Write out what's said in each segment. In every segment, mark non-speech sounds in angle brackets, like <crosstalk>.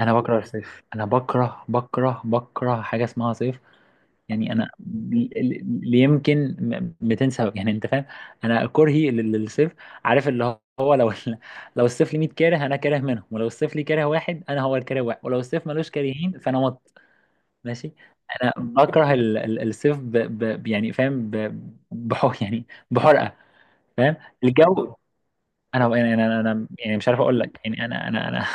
انا بكره الصيف. انا بكره بكره بكره حاجه اسمها صيف. يعني انا يمكن 200 سبب، يعني انت فاهم انا كرهي للصيف. عارف اللي هو، لو الصيف لي 100 كاره، انا كاره منهم، ولو الصيف لي كاره واحد، انا هو الكاره واحد، ولو الصيف ملوش كارهين فانا ماشي. انا بكره الصيف ب ب يعني فاهم، بحر، يعني بحرقه. فاهم الجو. انا انا يعني مش عارف اقول لك، يعني انا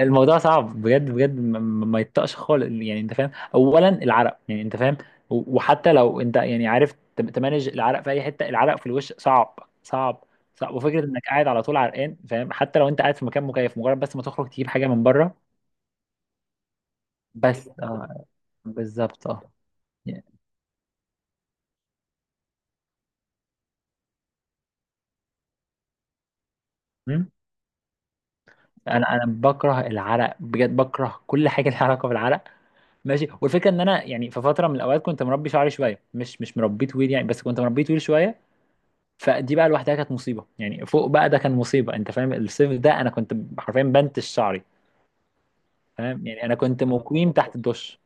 الموضوع صعب بجد بجد. ما يطقش خالص، يعني انت فاهم. اولا العرق، يعني انت فاهم، وحتى لو انت يعني عارف تمانج العرق في اي حته، العرق في الوش صعب، صعب صعب، وفكره انك قاعد على طول عرقان، فاهم، حتى لو انت قاعد في مكان مكيف، مجرد بس ما تخرج تجيب حاجه من بره. بس اه، بالظبط اه. يعني- مم. انا انا بكره العرق بجد، بكره كل حاجه لها علاقه بالعرق. ماشي. والفكره ان انا يعني في فتره من الاوقات كنت مربي شعري شويه، مش مربيه طويل يعني، بس كنت مربيه طويل شويه. فدي بقى لوحدها كانت مصيبه، يعني فوق بقى ده كان مصيبه. انت فاهم الصيف ده انا كنت حرفيا بنتش شعري. فاهم، يعني انا كنت مقيم تحت الدش.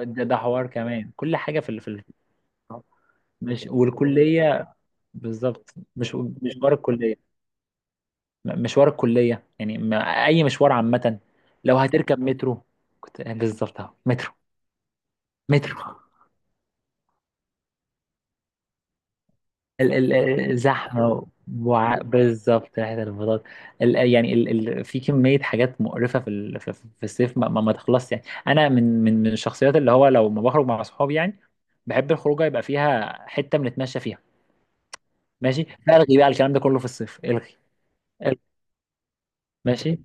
ده حوار كمان. كل حاجه مش والكليه. بالظبط مش مشوار الكليه. مشوار الكليه يعني، اي مشوار عامه. لو هتركب مترو كنت بالظبط اهو مترو مترو. ال زحمة، بالظبط ريحة البطاطا. ال يعني ال ال في كمية حاجات مقرفة في ال في في الصيف ما تخلصش. يعني أنا من الشخصيات اللي هو لو ما بخرج مع صحابي يعني بحب الخروجة يبقى فيها حتة بنتمشى فيها. ماشي. فألغي بقى الكلام ده كله في الصيف. إلغي. ماشي.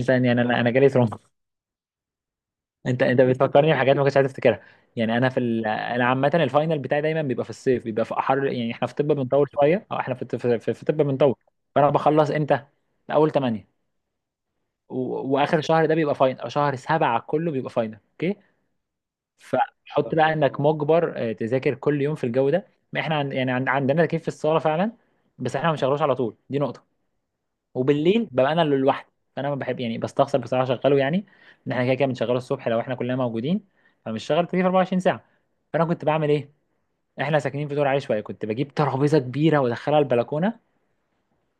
إنسان يعني، أنا جالي ترومبا. انت بتفكرني بحاجات ما كنتش عايز افتكرها. يعني انا انا عامه الفاينل بتاعي دايما بيبقى في الصيف، بيبقى في حر، يعني احنا في طب بنطول شويه. او احنا في طب بنطول. فانا بخلص امتى؟ في اول 8، واخر شهر ده بيبقى فاينل، او شهر 7 كله بيبقى فاينل. اوكي، فحط بقى انك مجبر، آه، تذاكر كل يوم في الجو ده. ما احنا عندنا تكييف في الصاله فعلا، بس احنا ما بنشغلوش على طول، دي نقطه. وبالليل ببقى انا اللي لوحدي، فانا ما بحب يعني، بستخسر بصراحه اشغله يعني، ان احنا كده كده بنشغله الصبح لو احنا كلنا موجودين. فمش شغال التكييف 24 ساعه. فانا كنت بعمل ايه؟ احنا ساكنين في دور عالي شويه، كنت بجيب ترابيزه كبيره وادخلها البلكونه،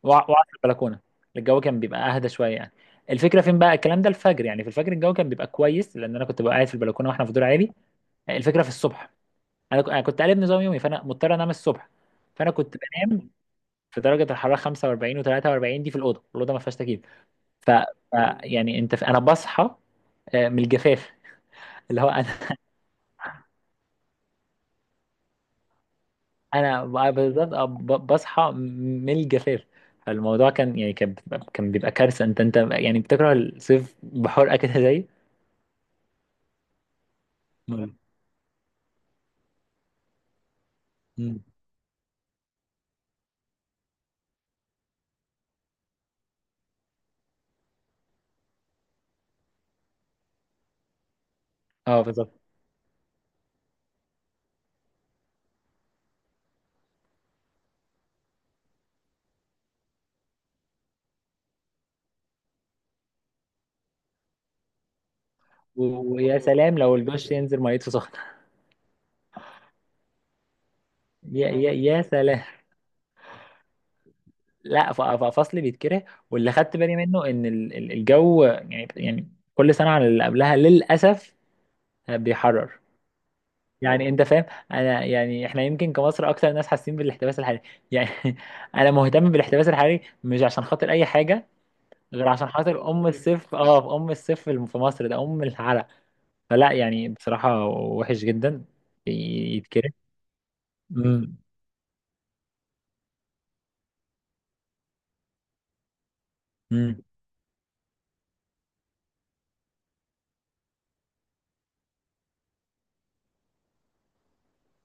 واقعد في البلكونه. الجو كان بيبقى اهدى شويه يعني. الفكره فين بقى الكلام ده؟ الفجر، يعني في الفجر الجو كان بيبقى كويس، لان انا كنت ببقى قاعد في البلكونه واحنا في دور عالي. الفكره في الصبح، انا أنا كنت قالب نظام يومي، فانا مضطر انام الصبح. فانا كنت بنام في درجه الحراره 45 و43 دي في الاوضه، الاوضه ما فيهاش تكييف. ف يعني انت انا بصحى، آه، من الجفاف. اللي هو انا <laughs> انا بالظبط، آه، بصحى من الجفاف. فالموضوع كان يعني، كان بيبقى كارثه. انت انت يعني بتكره الصيف بحرقه كده زي. مم. مم. اه بالظبط. ويا سلام لو الدش ينزل ميته سخنه <laughs> يا يا يا سلام. لا، ففصل بيتكره. واللي خدت بالي منه ان الجو يعني يعني كل سنه عن اللي قبلها، للاسف بيحرر، يعني انت فاهم. انا يعني احنا يمكن كمصر اكتر ناس حاسين بالاحتباس الحراري، يعني <laughs> انا مهتم بالاحتباس الحراري مش عشان خاطر اي حاجه غير عشان خاطر ام الصيف. اه، ام الصيف في مصر ده ام العرق. فلا، يعني بصراحه وحش جدا، يتكره. امم، امم،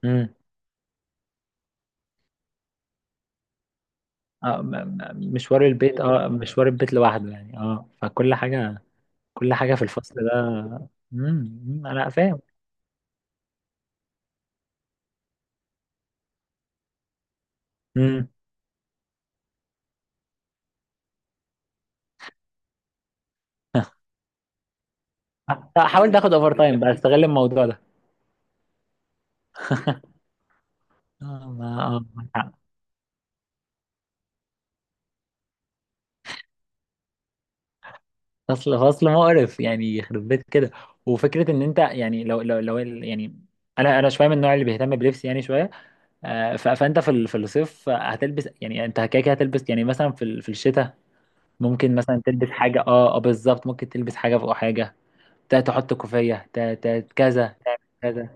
امم. اه، مشوار البيت، اه مشوار البيت لوحده يعني، اه فكل حاجه، كل حاجه في الفصل ده. امم. أمم، انا فاهم. امم. <laughs> حاول تاخد اوفر تايم بقى، استغل الموضوع ده. اه، ما اه، معاك حق. فصل فصل مقرف يعني، يخرب بيت كده. وفكره ان انت يعني، لو لو يعني انا انا شويه من النوع اللي بيهتم بلبسي يعني شويه. آه، فانت في الصيف هتلبس يعني، انت كده كده هتلبس يعني مثلا في الشتاء ممكن مثلا تلبس حاجه، اه اه بالظبط، ممكن تلبس حاجه فوق حاجه، تحط كوفيه، كذا، تعمل كذا.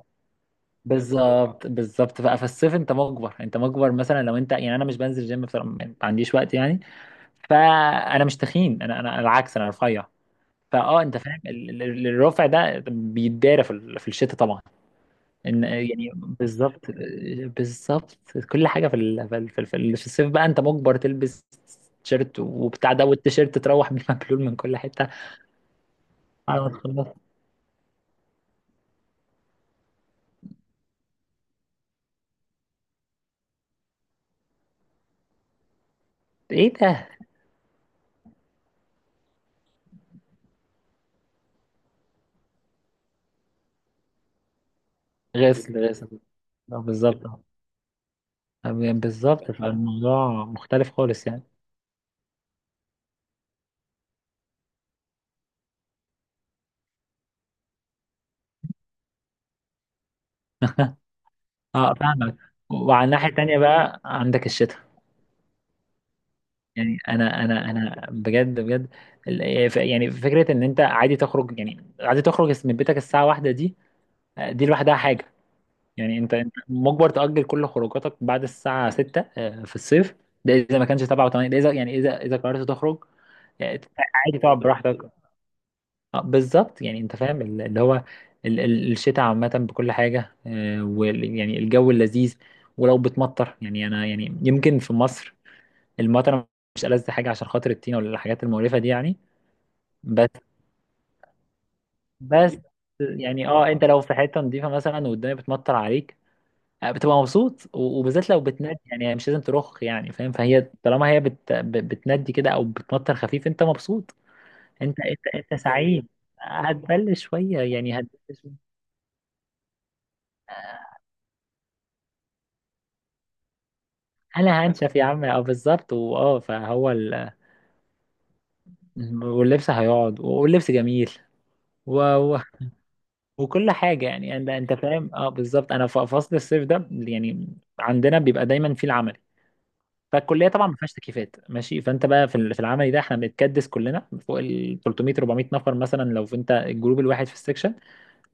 بالظبط بالظبط. فالصيف انت مجبر، انت مجبر، مثلا لو انت يعني، انا مش بنزل جيم بصراحه، ما عنديش وقت يعني. فانا مش تخين، انا انا العكس، انا رفيع. فاه انت فاهم، الرفع ده بيتدارى في الشتاء طبعا. ان يعني بالظبط، بالظبط. كل حاجه في الصيف بقى انت مجبر تلبس تيشيرت وبتاع ده، والتيشيرت تروح بيه <laughs> مبلول من كل حته على ما تخلص. ايه ده. غسل غسل. آه، بالظبط. آه، بالظبط، فالموضوع مختلف خالص يعني. <laughs> اه فاهمك. وعلى الناحيه التانيه بقى عندك الشتاء. يعني انا انا انا بجد بجد يعني يعني فكره ان انت عادي تخرج، يعني عادي تخرج من بيتك الساعه واحدة دي، آه، دي لوحدها حاجه. يعني انت انت مجبر تأجل كل خروجاتك بعد الساعه 6، آه، في الصيف. ده اذا ما كانش 7 و8. ده اذا يعني، اذا اذا قررت تخرج، آه، عادي تقعد براحتك. آه، بالظبط، يعني انت فاهم ال- اللي هو الشتاء عامه بكل حاجه، آه، يعني الجو اللذيذ. ولو بتمطر يعني، انا يعني يمكن في مصر المطره مش ألذ حاجه عشان خاطر الطينه ولا الحاجات المقرفه دي يعني. بس، بس، يعني اه، انت لو في حته نظيفه مثلا والدنيا بتمطر عليك، آه، بتبقى مبسوط، وبالذات لو بتنادي، يعني مش لازم ترخ، يعني فاهم، فهي طالما هي بتنادي كده، او بتمطر خفيف، انت مبسوط. انت انت انت سعيد. هتبل شويه يعني، هتبل شويه. انا هنشف يا عم، اه بالظبط، واه فهو واللبس هيقعد، واللبس جميل. و... وكل حاجة يعني، انت انت فاهم، اه بالظبط. انا فصل الصيف ده يعني عندنا بيبقى دايما فيه العملي. فالكلية طبعا ما فيهاش تكييفات، ماشي. فانت بقى في العملي ده احنا بنتكدس كلنا فوق ال 300 400 نفر مثلا، لو في انت الجروب الواحد في السكشن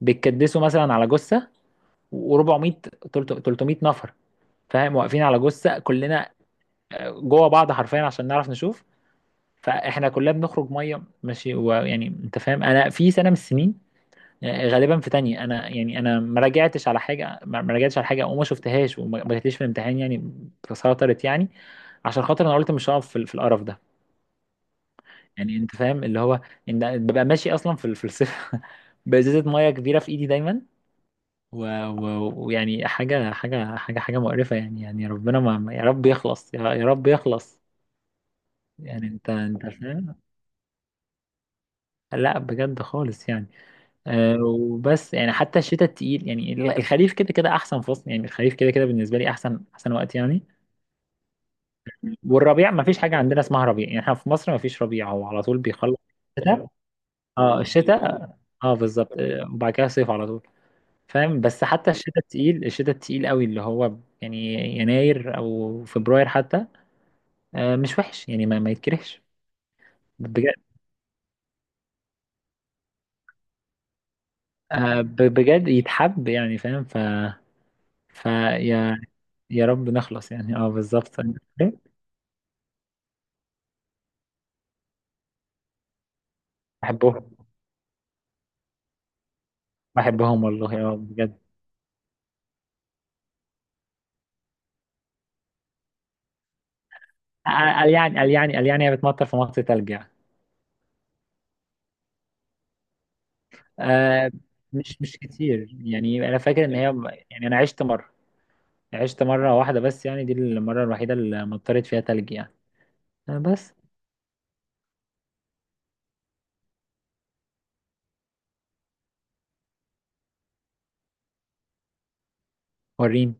بيتكدسوا مثلا على جثة. و400 300 نفر، فاهم، واقفين على جثة كلنا، آه، جوه بعض حرفيا عشان نعرف نشوف. فاحنا كلنا بنخرج ميه، ماشي، ويعني انت فاهم، انا في سنة من السنين، يعني غالبا في تانية، انا يعني انا ما راجعتش على حاجه، ما راجعتش على حاجه وما شفتهاش، وما ما جاتليش في الامتحان، يعني تسيطرت يعني، عشان خاطر انا قلت مش هقف في القرف ده، يعني انت فاهم اللي هو ان ببقى ماشي اصلا في الصيف <laughs> بازازه ميه كبيره في ايدي دايما، ويعني حاجه حاجه مقرفه يعني، يعني ربنا يا رب يخلص، يا يا رب يخلص، يعني انت انت فاهم. لا بجد خالص يعني. آه، وبس يعني حتى الشتاء التقيل يعني. الخريف كده كده احسن فصل، يعني الخريف كده كده بالنسبه لي احسن احسن وقت يعني. والربيع ما فيش حاجه عندنا اسمها ربيع، يعني احنا في مصر ما فيش ربيع، هو على طول بيخلص. الشتاء. اه الشتاء، اه بالظبط، آه، وبعد كده صيف على طول، فاهم. بس حتى الشتاء التقيل، الشتاء التقيل قوي اللي هو يعني يناير او فبراير حتى، آه، مش وحش يعني، ما يتكرهش. بجد، آه، بجد يتحب يعني فاهم، ف فيا يا رب نخلص يعني، اه بالظبط. أيوة. بحبهم، بحبهم والله، اه بجد. قال يعني، قال يعني، قال يعني هي بتمطر في مصر تلج يعني. آه، مش مش كتير يعني، انا فاكر ان هي يعني انا عشت مره، عشت مره واحده بس يعني، دي المره الوحيده اللي مطرت فيها تلج يعني. آه بس. وريني.